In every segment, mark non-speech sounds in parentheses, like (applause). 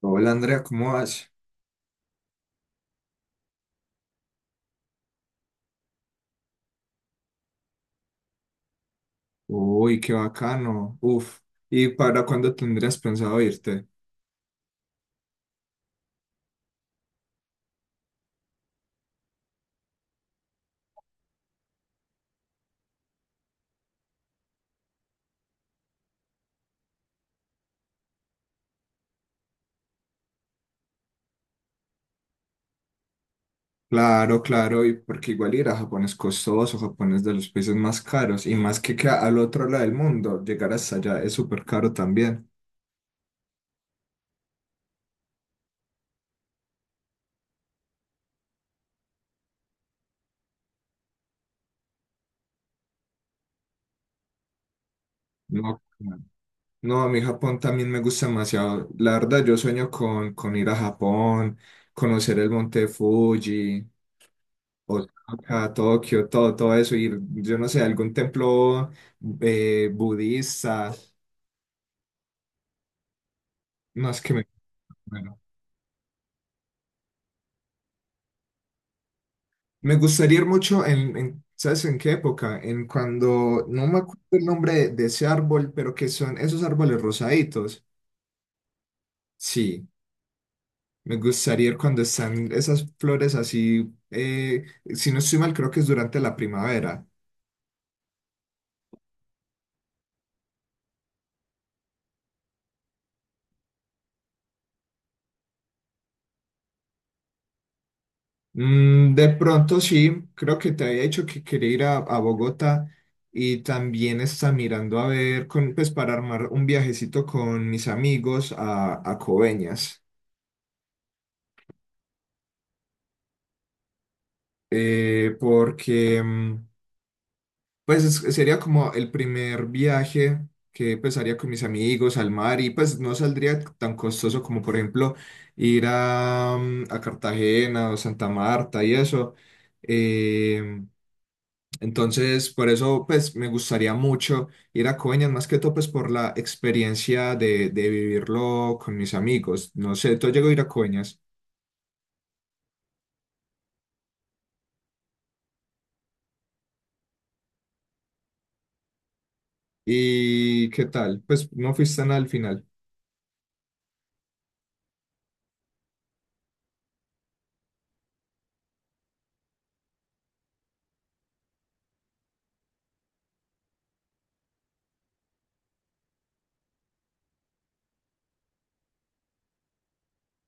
Hola Andrea, ¿cómo vas? Uy, qué bacano. Uf. ¿Y para cuándo tendrías pensado irte? Claro, claro, y porque igual ir a Japón es costoso, Japón es de los países más caros, y más que al otro lado del mundo, llegar hasta allá es súper caro también. No, claro, no, a mí Japón también me gusta demasiado. La verdad, yo sueño con ir a Japón, conocer el monte Fuji, Osaka, Tokio, todo, todo eso, ir, yo no sé, a algún templo budista. No, es que me, bueno, me gustaría ir mucho ¿sabes en qué época? En cuando, no me acuerdo el nombre de ese árbol, pero que son esos árboles rosaditos. Sí, me gustaría ir cuando están esas flores así, si no estoy mal, creo que es durante la primavera. Mm, de pronto sí, creo que te había dicho que quería ir a Bogotá y también está mirando a ver, con, pues para armar un viajecito con mis amigos a Coveñas. eh, porque mm, pues sería como el primer viaje que pues haría con mis amigos al mar y pues no saldría tan costoso como por ejemplo ir a, a Cartagena o Santa Marta y eso. Eh, entonces por eso pues me gustaría mucho ir a Coveñas más que todo pues por la experiencia de vivirlo con mis amigos. No sé, tú llegó a ir a Coveñas. ¿Y qué tal? Pues no fuiste nada al final.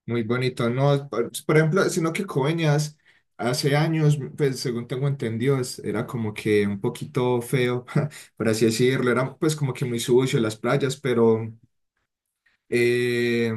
Muy bonito, ¿no? Por ejemplo, sino que Coveñas hace años, pues según tengo entendido, era como que un poquito feo, (laughs) por así decirlo, era pues como que muy sucio las playas, pero eh,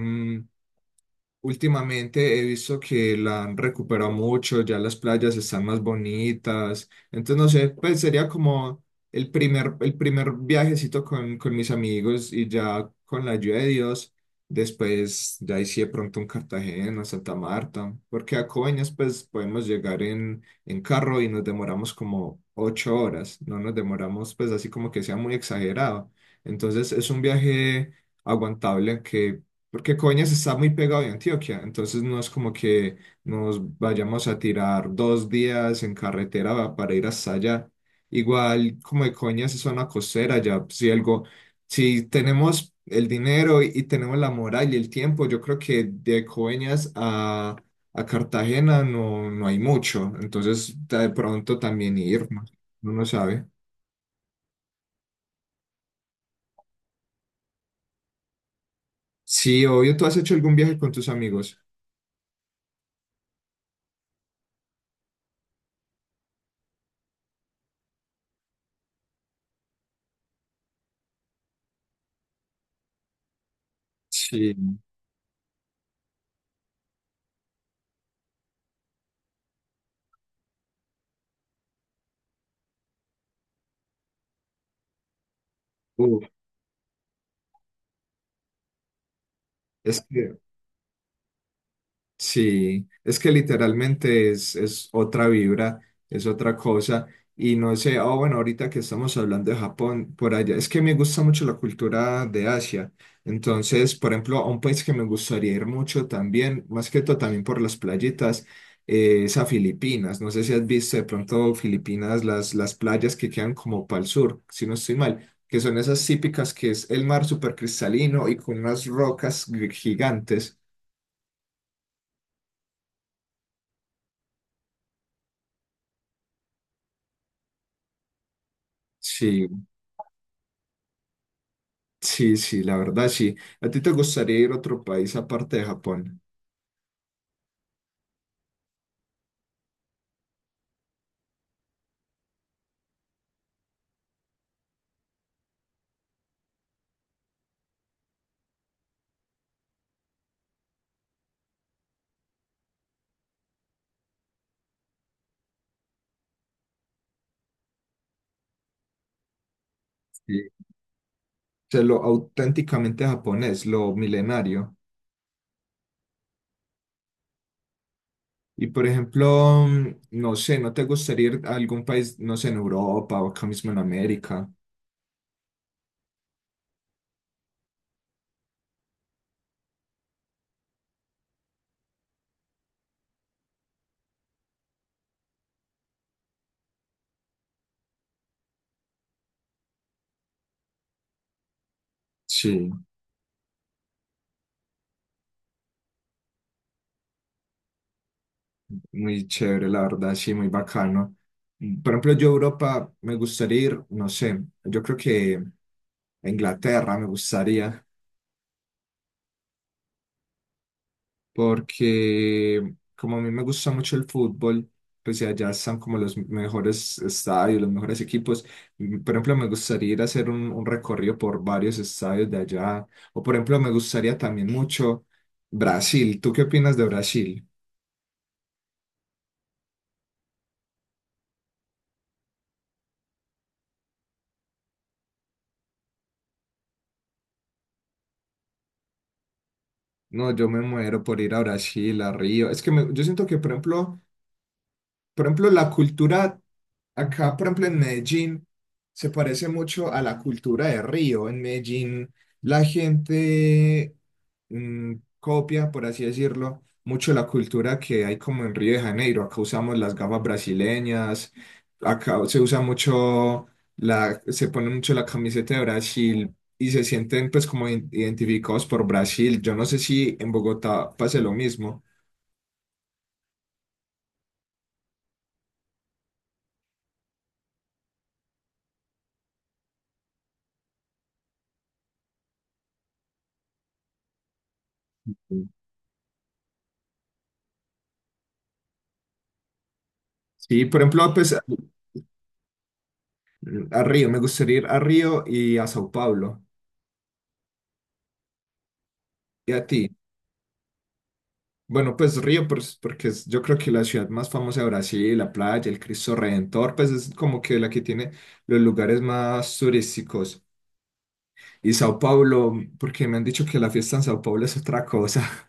últimamente he visto que la han recuperado mucho, ya las playas están más bonitas. Entonces, no sé, pues sería como el primer viajecito con mis amigos y ya con la ayuda de Dios. Después, ya hice de pronto un Cartagena, Santa Marta, porque a Coveñas, pues podemos llegar en carro y nos demoramos como ocho horas. No nos demoramos, pues así como que sea muy exagerado. Entonces, es un viaje aguantable que porque Coeñas está muy pegado de Antioquia, entonces no es como que nos vayamos a tirar dos días en carretera para ir hasta allá. Igual como de Coeñas es zona costera, ya si algo, si tenemos el dinero y tenemos la moral y el tiempo, yo creo que de Coeñas a Cartagena no, no hay mucho, entonces de pronto también ir, no, uno no sabe. Sí, obvio, ¿tú has hecho algún viaje con tus amigos? Sí. Uf, es que sí, es que literalmente es otra vibra, es otra cosa. Y no sé, ah bueno, ahorita que estamos hablando de Japón, por allá, es que me gusta mucho la cultura de Asia. Entonces, por ejemplo, a un país que me gustaría ir mucho también, más que todo también por las playitas, es a Filipinas. No sé si has visto de pronto Filipinas, las playas que quedan como para el sur, si no estoy mal, que son esas típicas que es el mar súper cristalino y con unas rocas gigantes. Sí, sí, sí, la verdad, sí. ¿A ti te gustaría ir a otro país aparte de Japón? Sí. O sea, lo auténticamente japonés, lo milenario. Y por ejemplo, no sé, ¿no te gustaría ir a algún país, no sé, en Europa o acá mismo en América? Sí, muy chévere, la verdad, sí, muy bacano. Por ejemplo, yo a Europa me gustaría ir, no sé, yo creo que a Inglaterra me gustaría, porque como a mí me gusta mucho el fútbol, pues y allá están como los mejores estadios, los mejores equipos. Por ejemplo, me gustaría ir a hacer un recorrido por varios estadios de allá. O por ejemplo, me gustaría también mucho Brasil. ¿Tú qué opinas de Brasil? No, yo me muero por ir a Brasil, a Río. Yo siento que, por ejemplo, por ejemplo, la cultura acá, por ejemplo, en Medellín, se parece mucho a la cultura de Río. En Medellín, la gente mm, copia, por así decirlo, mucho la cultura que hay como en Río de Janeiro. Acá usamos las gafas brasileñas, acá se usa mucho se pone mucho la camiseta de Brasil y se sienten pues como identificados por Brasil. Yo no sé si en Bogotá pase lo mismo. Sí, por ejemplo, pues a Río, me gustaría ir a Río y a Sao Paulo. ¿Y a ti? Bueno, pues Río, pues, porque yo creo que la ciudad más famosa de Brasil, la playa, el Cristo Redentor, pues es como que la que tiene los lugares más turísticos. Y Sao Paulo, porque me han dicho que la fiesta en Sao Paulo es otra cosa.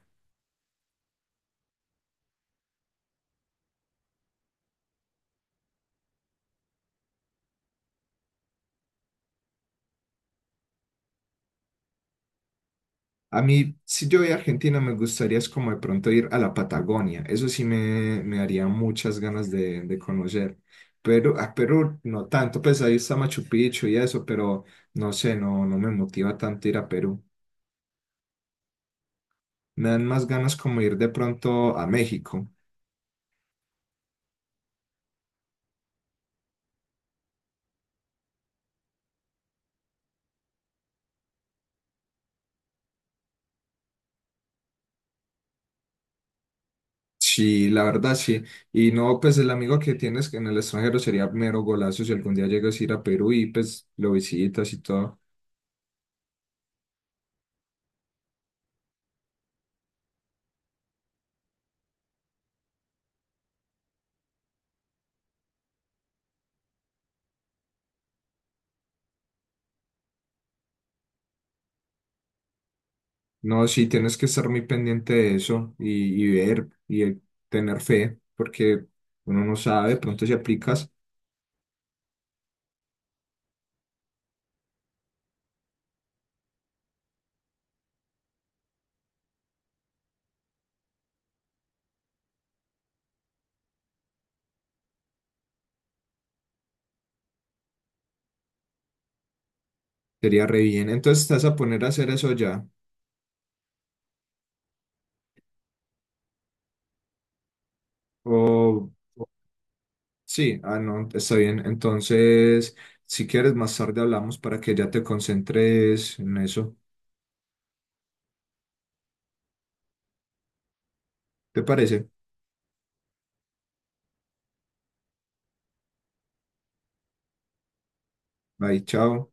A mí, si yo voy a Argentina, me gustaría es como de pronto ir a la Patagonia. Eso sí me daría muchas ganas de conocer. Pero a Perú no tanto, pues ahí está Machu Picchu y eso, pero no sé, no, no me motiva tanto ir a Perú. Me dan más ganas como ir de pronto a México. Sí, la verdad sí. Y no, pues el amigo que tienes en el extranjero sería mero golazo si algún día llegas a ir a Perú y pues lo visitas y todo. No, sí, tienes que estar muy pendiente de eso y ver y tener fe, porque uno no sabe, de pronto si aplicas, sería re bien. Entonces, ¿te vas a poner a hacer eso ya? O sí, ah, no, está bien. Entonces, si quieres, más tarde hablamos para que ya te concentres en eso. ¿Te parece? Bye, chao.